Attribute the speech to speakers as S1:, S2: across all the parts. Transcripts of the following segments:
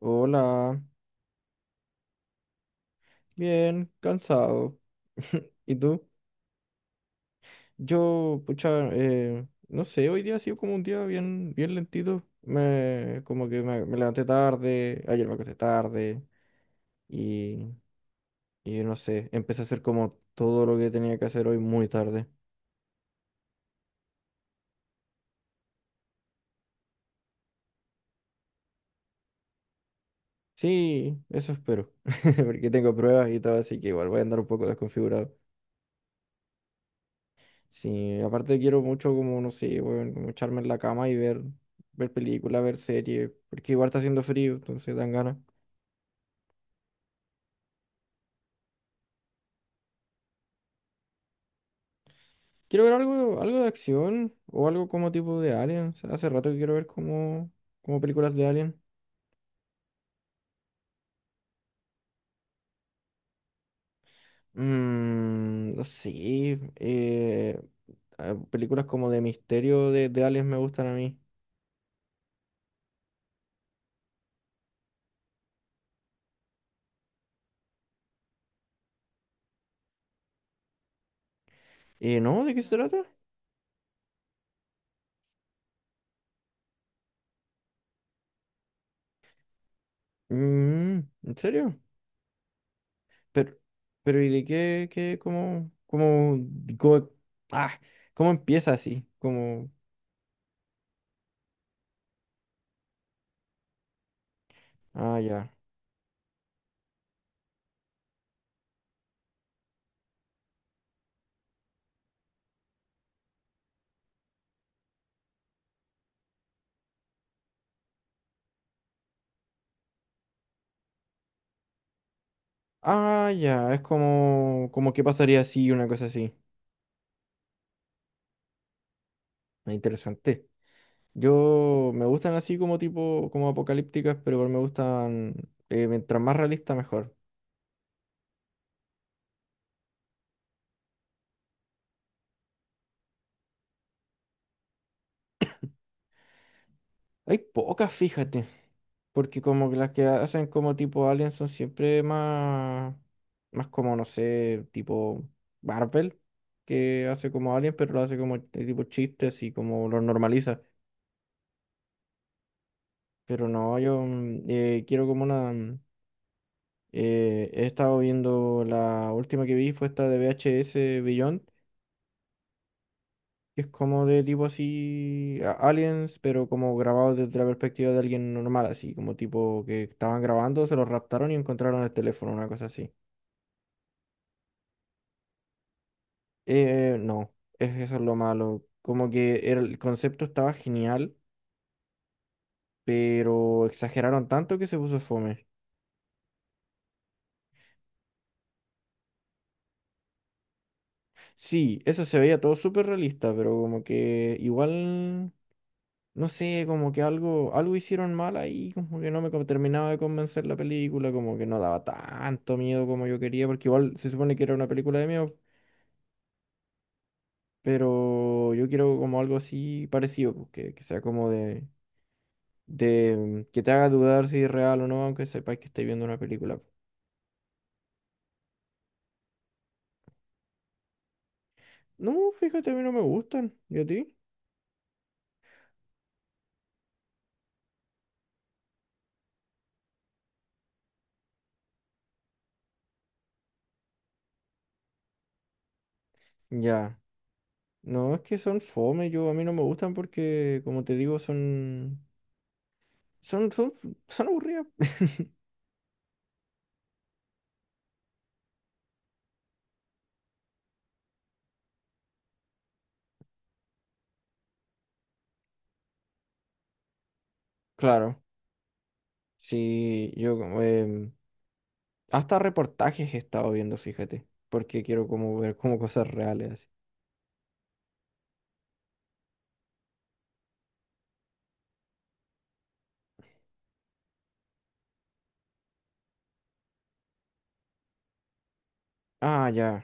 S1: Hola, bien, cansado. ¿Y tú? Yo, pucha, no sé, hoy día ha sido como un día bien, bien lentito. Me levanté tarde, ayer me acosté tarde y, y no sé, empecé a hacer como todo lo que tenía que hacer hoy muy tarde. Sí, eso espero, porque tengo pruebas y todo, así que igual voy a andar un poco desconfigurado. Sí, aparte quiero mucho como, no sé, weón, como echarme en la cama y ver, ver películas, ver series, porque igual está haciendo frío, entonces dan ganas. Quiero ver algo, algo de acción o algo como tipo de Alien. O sea, hace rato que quiero ver como, como películas de Alien. No sé, ah, películas como de misterio de aliens me gustan a mí. ¿No? ¿De qué se trata? Mm, ¿en serio? Pero, pero ¿y de qué, qué, cómo, cómo, cómo- ah, ¿cómo empieza así? Como, ah, ya. Ah, ya, es como, como qué pasaría así, una cosa así. Ah, interesante. Yo, me gustan así como tipo, como apocalípticas, pero igual me gustan, mientras más realista, mejor. Hay pocas, fíjate. Porque como que las que hacen como tipo Alien son siempre más, más como, no sé, tipo Marvel, que hace como Alien, pero lo hace como de tipo chistes y como lo normaliza. Pero no, yo quiero como una... he estado viendo la última que vi fue esta de VHS Beyond, que es como de tipo así, aliens, pero como grabado desde la perspectiva de alguien normal, así como tipo que estaban grabando, se los raptaron y encontraron el teléfono, una cosa así. No, es, eso es lo malo. Como que el concepto estaba genial, pero exageraron tanto que se puso fome. Sí, eso se veía todo súper realista, pero como que igual no sé, como que algo, algo hicieron mal ahí, como que no me terminaba de convencer la película, como que no daba tanto miedo como yo quería, porque igual se supone que era una película de miedo, pero yo quiero como algo así parecido, pues, que sea como de que te haga dudar si es real o no, aunque sepas que estés viendo una película. No, fíjate, a mí no me gustan, ¿y a ti? Ya, no, es que son fome, yo a mí no me gustan porque, como te digo, son, son, son, son aburridas. Claro. Sí, yo como, hasta reportajes he estado viendo, fíjate, porque quiero como ver como cosas reales así. Ah, ya.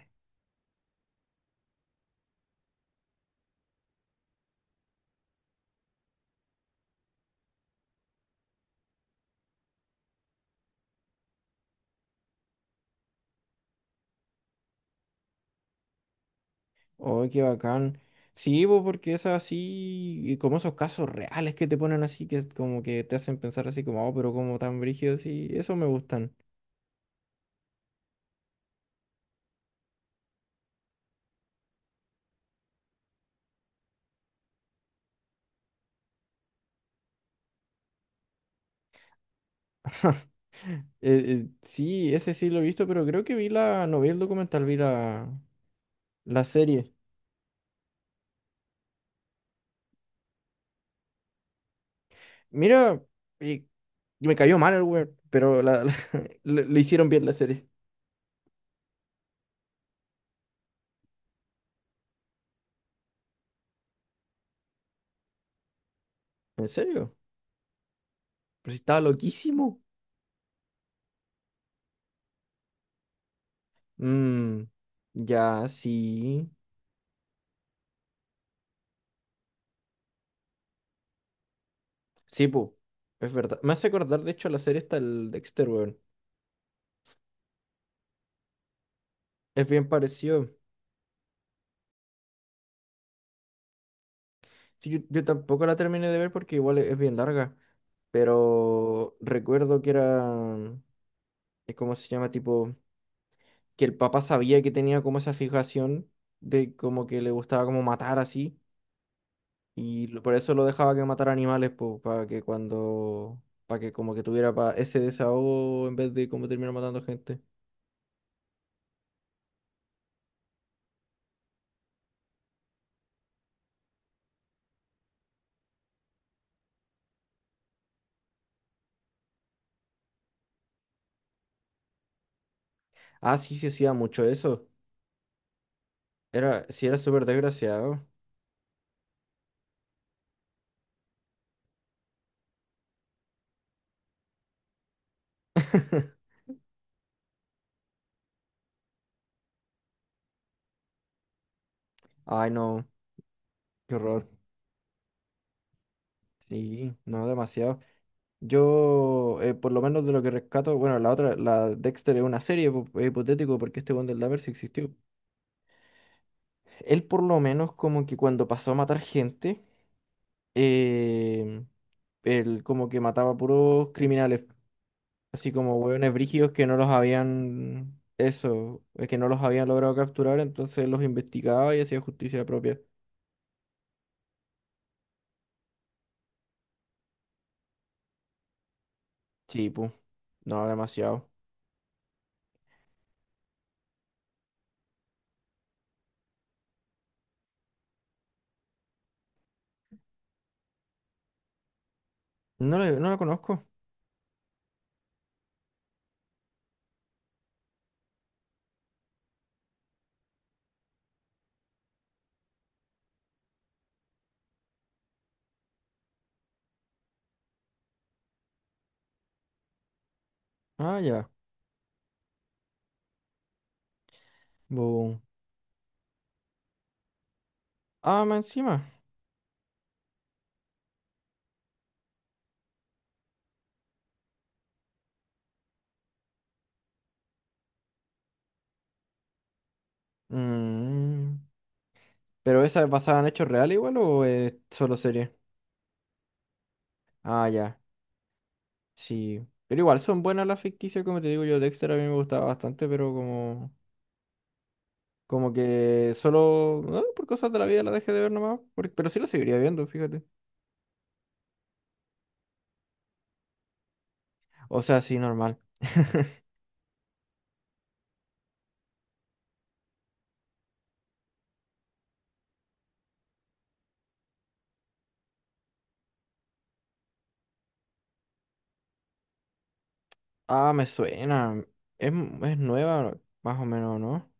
S1: Oh, qué bacán. Sí, bo, porque es así, y como esos casos reales que te ponen así, que es como que te hacen pensar así como, oh, pero como tan brígidos y eso me gustan. Sí, ese sí lo he visto, pero creo que vi la, no vi el documental, vi la, la serie. Mira, y me cayó mal el weón, pero la, le hicieron bien la serie. ¿En serio? Pero si estaba loquísimo. Mm, ya, sí. Sí, pu. Es verdad. Me hace acordar, de hecho, la serie está el Dexter, weón. Es bien parecido. Sí, yo tampoco la terminé de ver porque igual es bien larga. Pero recuerdo que era. ¿Cómo se llama? Tipo. Que el papá sabía que tenía como esa fijación de como que le gustaba como matar así. Y por eso lo dejaba que matara animales, pues, para que cuando. Para que como que tuviera ese desahogo en vez de como terminar matando gente. Ah, sí, sí hacía mucho eso. Era, sí era súper desgraciado. Ay, no, qué horror. Sí, no, demasiado. Yo, por lo menos de lo que rescato, bueno, la otra, la Dexter es una serie hipotético porque este weón del Dahmer sí existió. Él por lo menos como que cuando pasó a matar gente, eh, él como que mataba puros criminales, así como hueones brígidos que no los habían, eso, que no los habían logrado capturar, entonces los investigaba y hacía justicia propia. Sí, pu. No, demasiado. No lo conozco. Ah, ya. Boom. Ah, más encima. Mm. ¿Pero esa es basada en hechos reales igual o es solo serie? Ah, ya. Sí. Pero igual son buenas las ficticias, como te digo yo. Dexter a mí me gustaba bastante, pero como... Como que solo... ah, por cosas de la vida la dejé de ver nomás. Pero sí la seguiría viendo, fíjate. O sea, sí, normal. Ah, me suena. Es, es nueva, más o menos, ¿no?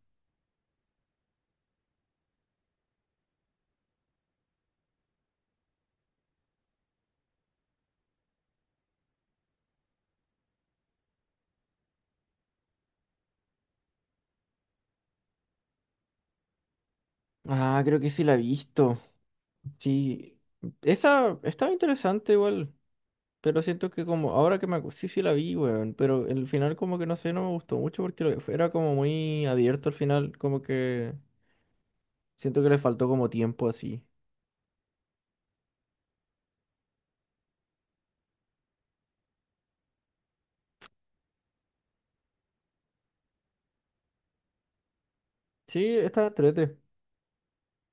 S1: Ah, creo que sí la he visto. Sí, esa estaba interesante igual, pero siento que como ahora que me sí sí la vi, weón, pero el final como que no sé, no me gustó mucho porque era como muy abierto al final, como que siento que le faltó como tiempo así. Sí, estaba entrete,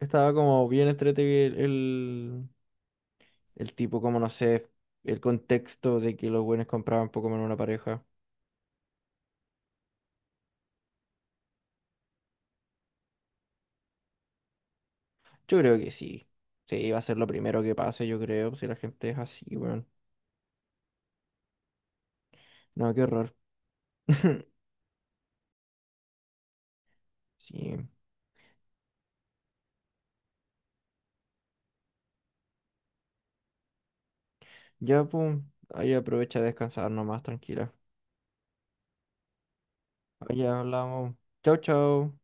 S1: estaba como bien entrete el tipo, como no sé, el contexto de que los buenos compraban Pokémon en una pareja. Yo creo que sí, sí, va a ser lo primero que pase, yo creo, si la gente es así, weón. No, qué horror. Sí. Ya, pum. Ahí aprovecha a descansar nomás, tranquila. Ahí hablamos. Chau, chau.